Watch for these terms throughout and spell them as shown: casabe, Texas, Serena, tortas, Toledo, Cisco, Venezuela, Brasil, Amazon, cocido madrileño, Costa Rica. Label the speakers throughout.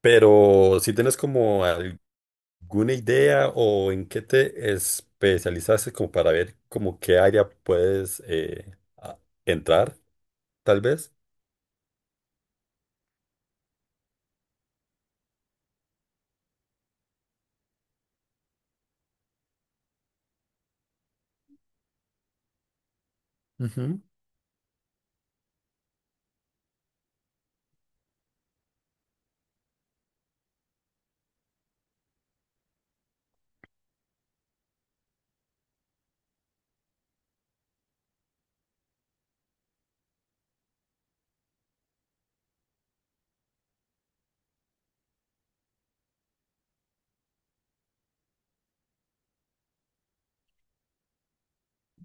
Speaker 1: Pero si tienes como alguna idea o en qué te especializaste como para ver como qué área puedes a- entrar, tal vez. Ujú,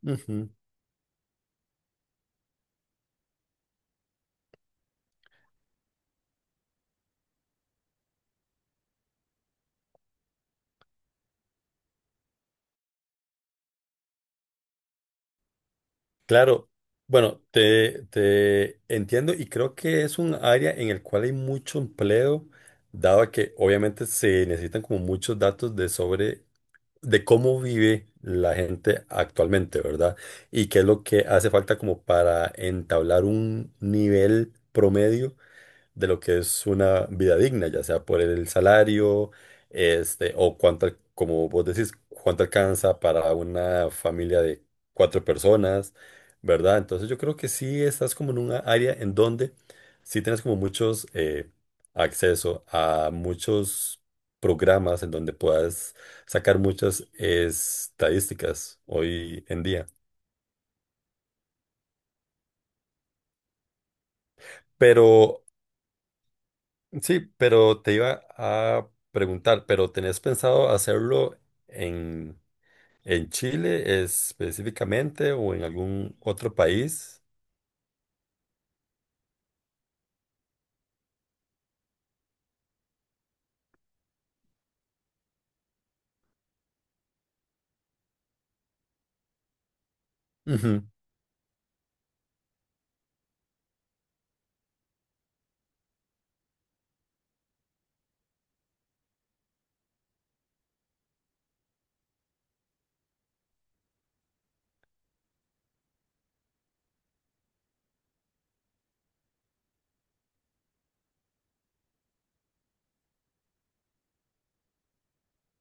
Speaker 1: ujú. Claro, bueno, te entiendo y creo que es un área en el cual hay mucho empleo, dado que obviamente se necesitan como muchos datos de sobre de cómo vive la gente actualmente, ¿verdad? Y qué es lo que hace falta como para entablar un nivel promedio de lo que es una vida digna, ya sea por el salario, este, o cuánto, como vos decís, cuánto alcanza para una familia de cuatro personas, ¿verdad? Entonces yo creo que sí estás como en una área en donde sí tienes como muchos acceso a muchos programas en donde puedas sacar muchas estadísticas hoy en día. Pero sí, pero te iba a preguntar, ¿pero tenés pensado hacerlo en, en Chile específicamente o en algún otro país? Ujú,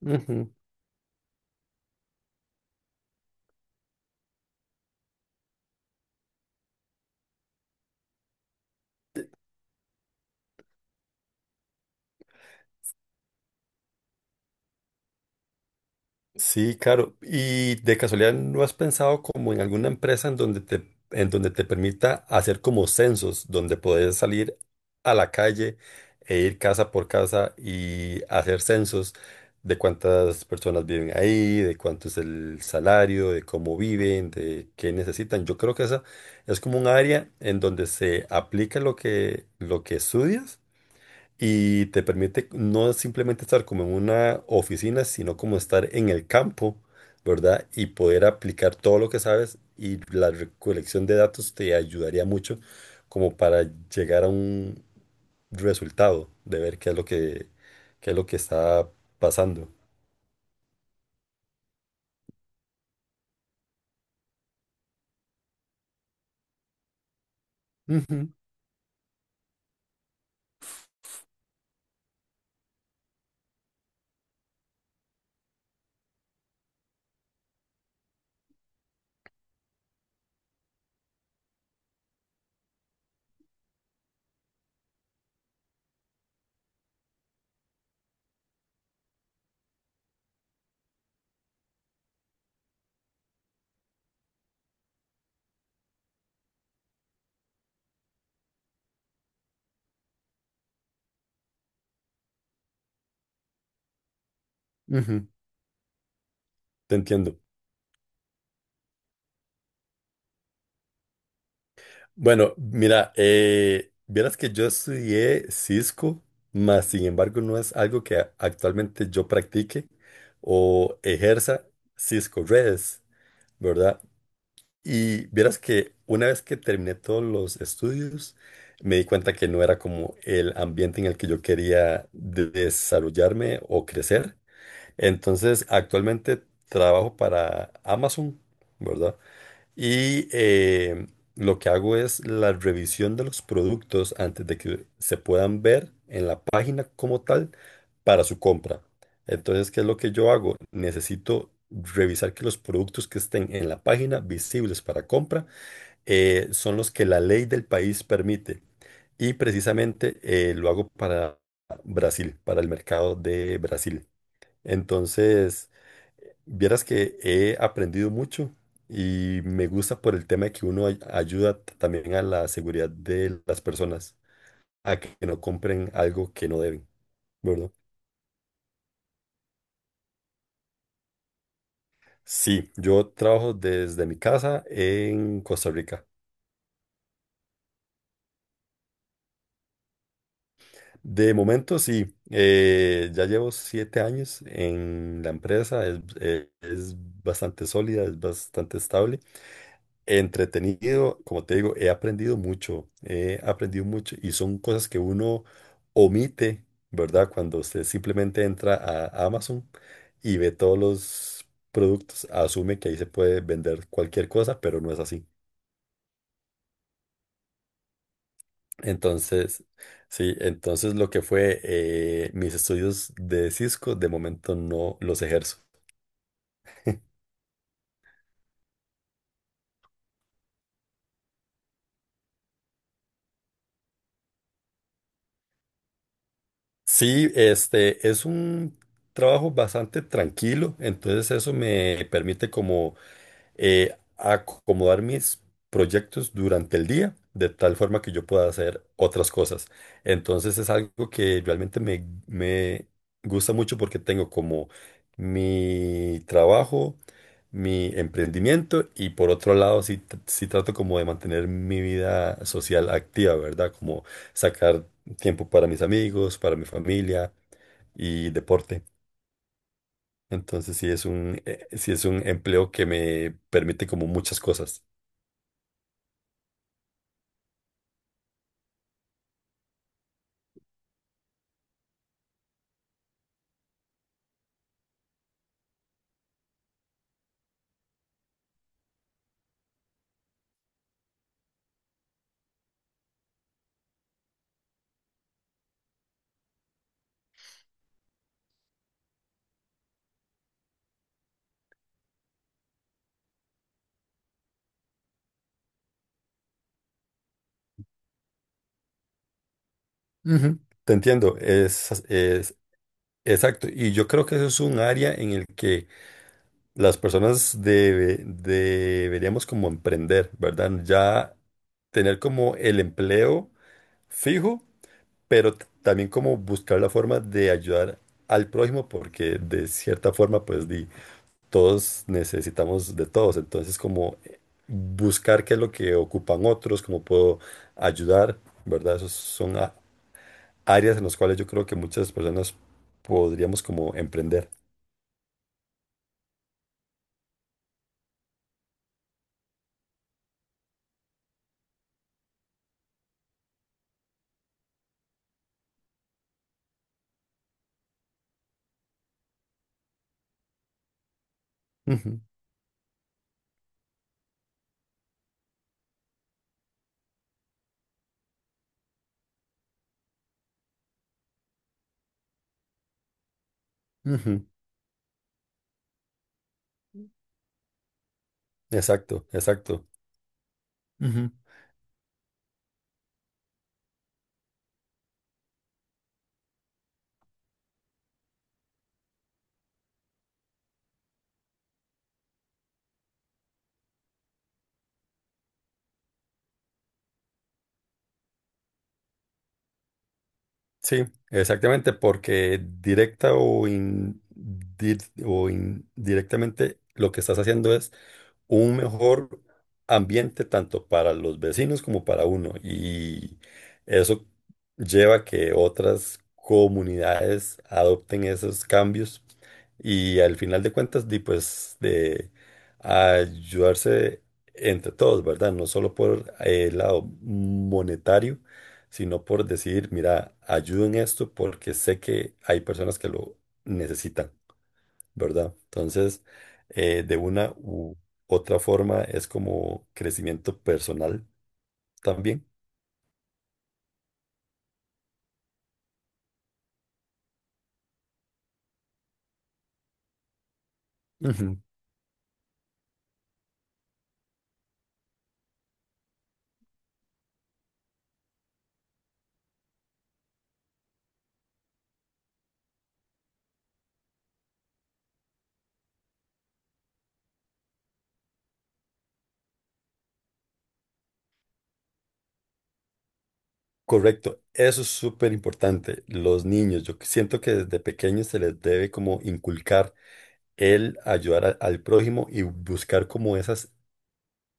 Speaker 1: ujú. Sí, claro. ¿Y de casualidad no has pensado como en alguna empresa en donde te permita hacer como censos, donde podés salir a la calle e ir casa por casa y hacer censos de cuántas personas viven ahí, de cuánto es el salario, de cómo viven, de qué necesitan? Yo creo que esa es como un área en donde se aplica lo que estudias y te permite no simplemente estar como en una oficina, sino como estar en el campo, ¿verdad? Y poder aplicar todo lo que sabes y la recolección de datos te ayudaría mucho como para llegar a un resultado de ver qué es lo que, qué es lo que está pasando. Ujú, ujú, te entiendo. Bueno, mira, vieras que yo estudié Cisco, mas sin embargo no es algo que actualmente yo practique o ejerza. Cisco Redes, ¿verdad? Y vieras que una vez que terminé todos los estudios, me di cuenta que no era como el ambiente en el que yo quería desarrollarme o crecer. Entonces, actualmente trabajo para Amazon, ¿verdad? Y lo que hago es la revisión de los productos antes de que se puedan ver en la página como tal para su compra. Entonces, ¿qué es lo que yo hago? Necesito revisar que los productos que estén en la página visibles para compra son los que la ley del país permite. Y precisamente lo hago para Brasil, para el mercado de Brasil. Entonces, vieras que he aprendido mucho y me gusta por el tema de que uno ayuda también a la seguridad de las personas, a que no compren algo que no deben, ¿verdad? Sí, yo trabajo desde mi casa en Costa Rica. De momento sí, ya llevo 7 años en la empresa, es bastante sólida, es bastante estable. Entretenido, como te digo, he aprendido mucho y son cosas que uno omite, ¿verdad? Cuando usted simplemente entra a Amazon y ve todos los productos, asume que ahí se puede vender cualquier cosa, pero no es así. Entonces, sí, entonces lo que fue mis estudios de Cisco, de momento no los ejerzo. Sí, este es un trabajo bastante tranquilo, entonces eso me permite como acomodar mis proyectos durante el día, de tal forma que yo pueda hacer otras cosas. Entonces es algo que realmente me gusta mucho porque tengo como mi trabajo, mi emprendimiento y por otro lado sí, sí trato como de mantener mi vida social activa, ¿verdad? Como sacar tiempo para mis amigos, para mi familia y deporte. Entonces sí es un empleo que me permite como muchas cosas. Ujú. Te entiendo, es exacto. Y yo creo que eso es un área en el que las personas deberíamos como emprender, ¿verdad? Ya tener como el empleo fijo, pero también como buscar la forma de ayudar al prójimo, porque de cierta forma, pues di, todos necesitamos de todos. Entonces, como buscar qué es lo que ocupan otros, cómo puedo ayudar, ¿verdad? Esos son áreas en las cuales yo creo que muchas personas podríamos como emprender. Ujú, ujú, Exacto, exacto. Sí, exactamente, porque directa o, o indirectamente lo que estás haciendo es un mejor ambiente tanto para los vecinos como para uno. Y eso lleva a que otras comunidades adopten esos cambios y al final de cuentas, di, pues de ayudarse entre todos, ¿verdad? No solo por el lado monetario sino por decir, mira, ayudo esto porque sé que hay personas que lo necesitan, ¿verdad? Entonces, de una u otra forma es como crecimiento personal también. Ujú. Correcto, eso es súper importante. Los niños, yo siento que desde pequeños se les debe como inculcar el ayudar al prójimo y buscar como esas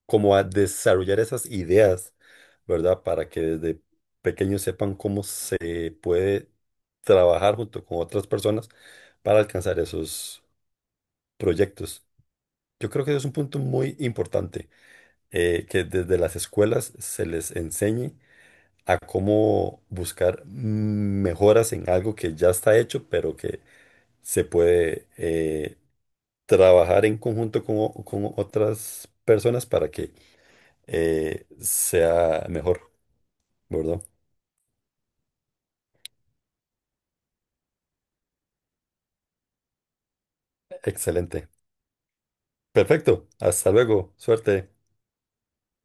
Speaker 1: como a desarrollar esas ideas, ¿verdad? Para que desde pequeños sepan cómo se puede trabajar junto con otras personas para alcanzar esos proyectos. Yo creo que eso es un punto muy importante, que desde las escuelas se les enseñe a cómo buscar mejoras en algo que ya está hecho, pero que se puede trabajar en conjunto con, con otras personas para que sea mejor. Gordo. Excelente. Perfecto. Hasta luego. Suerte.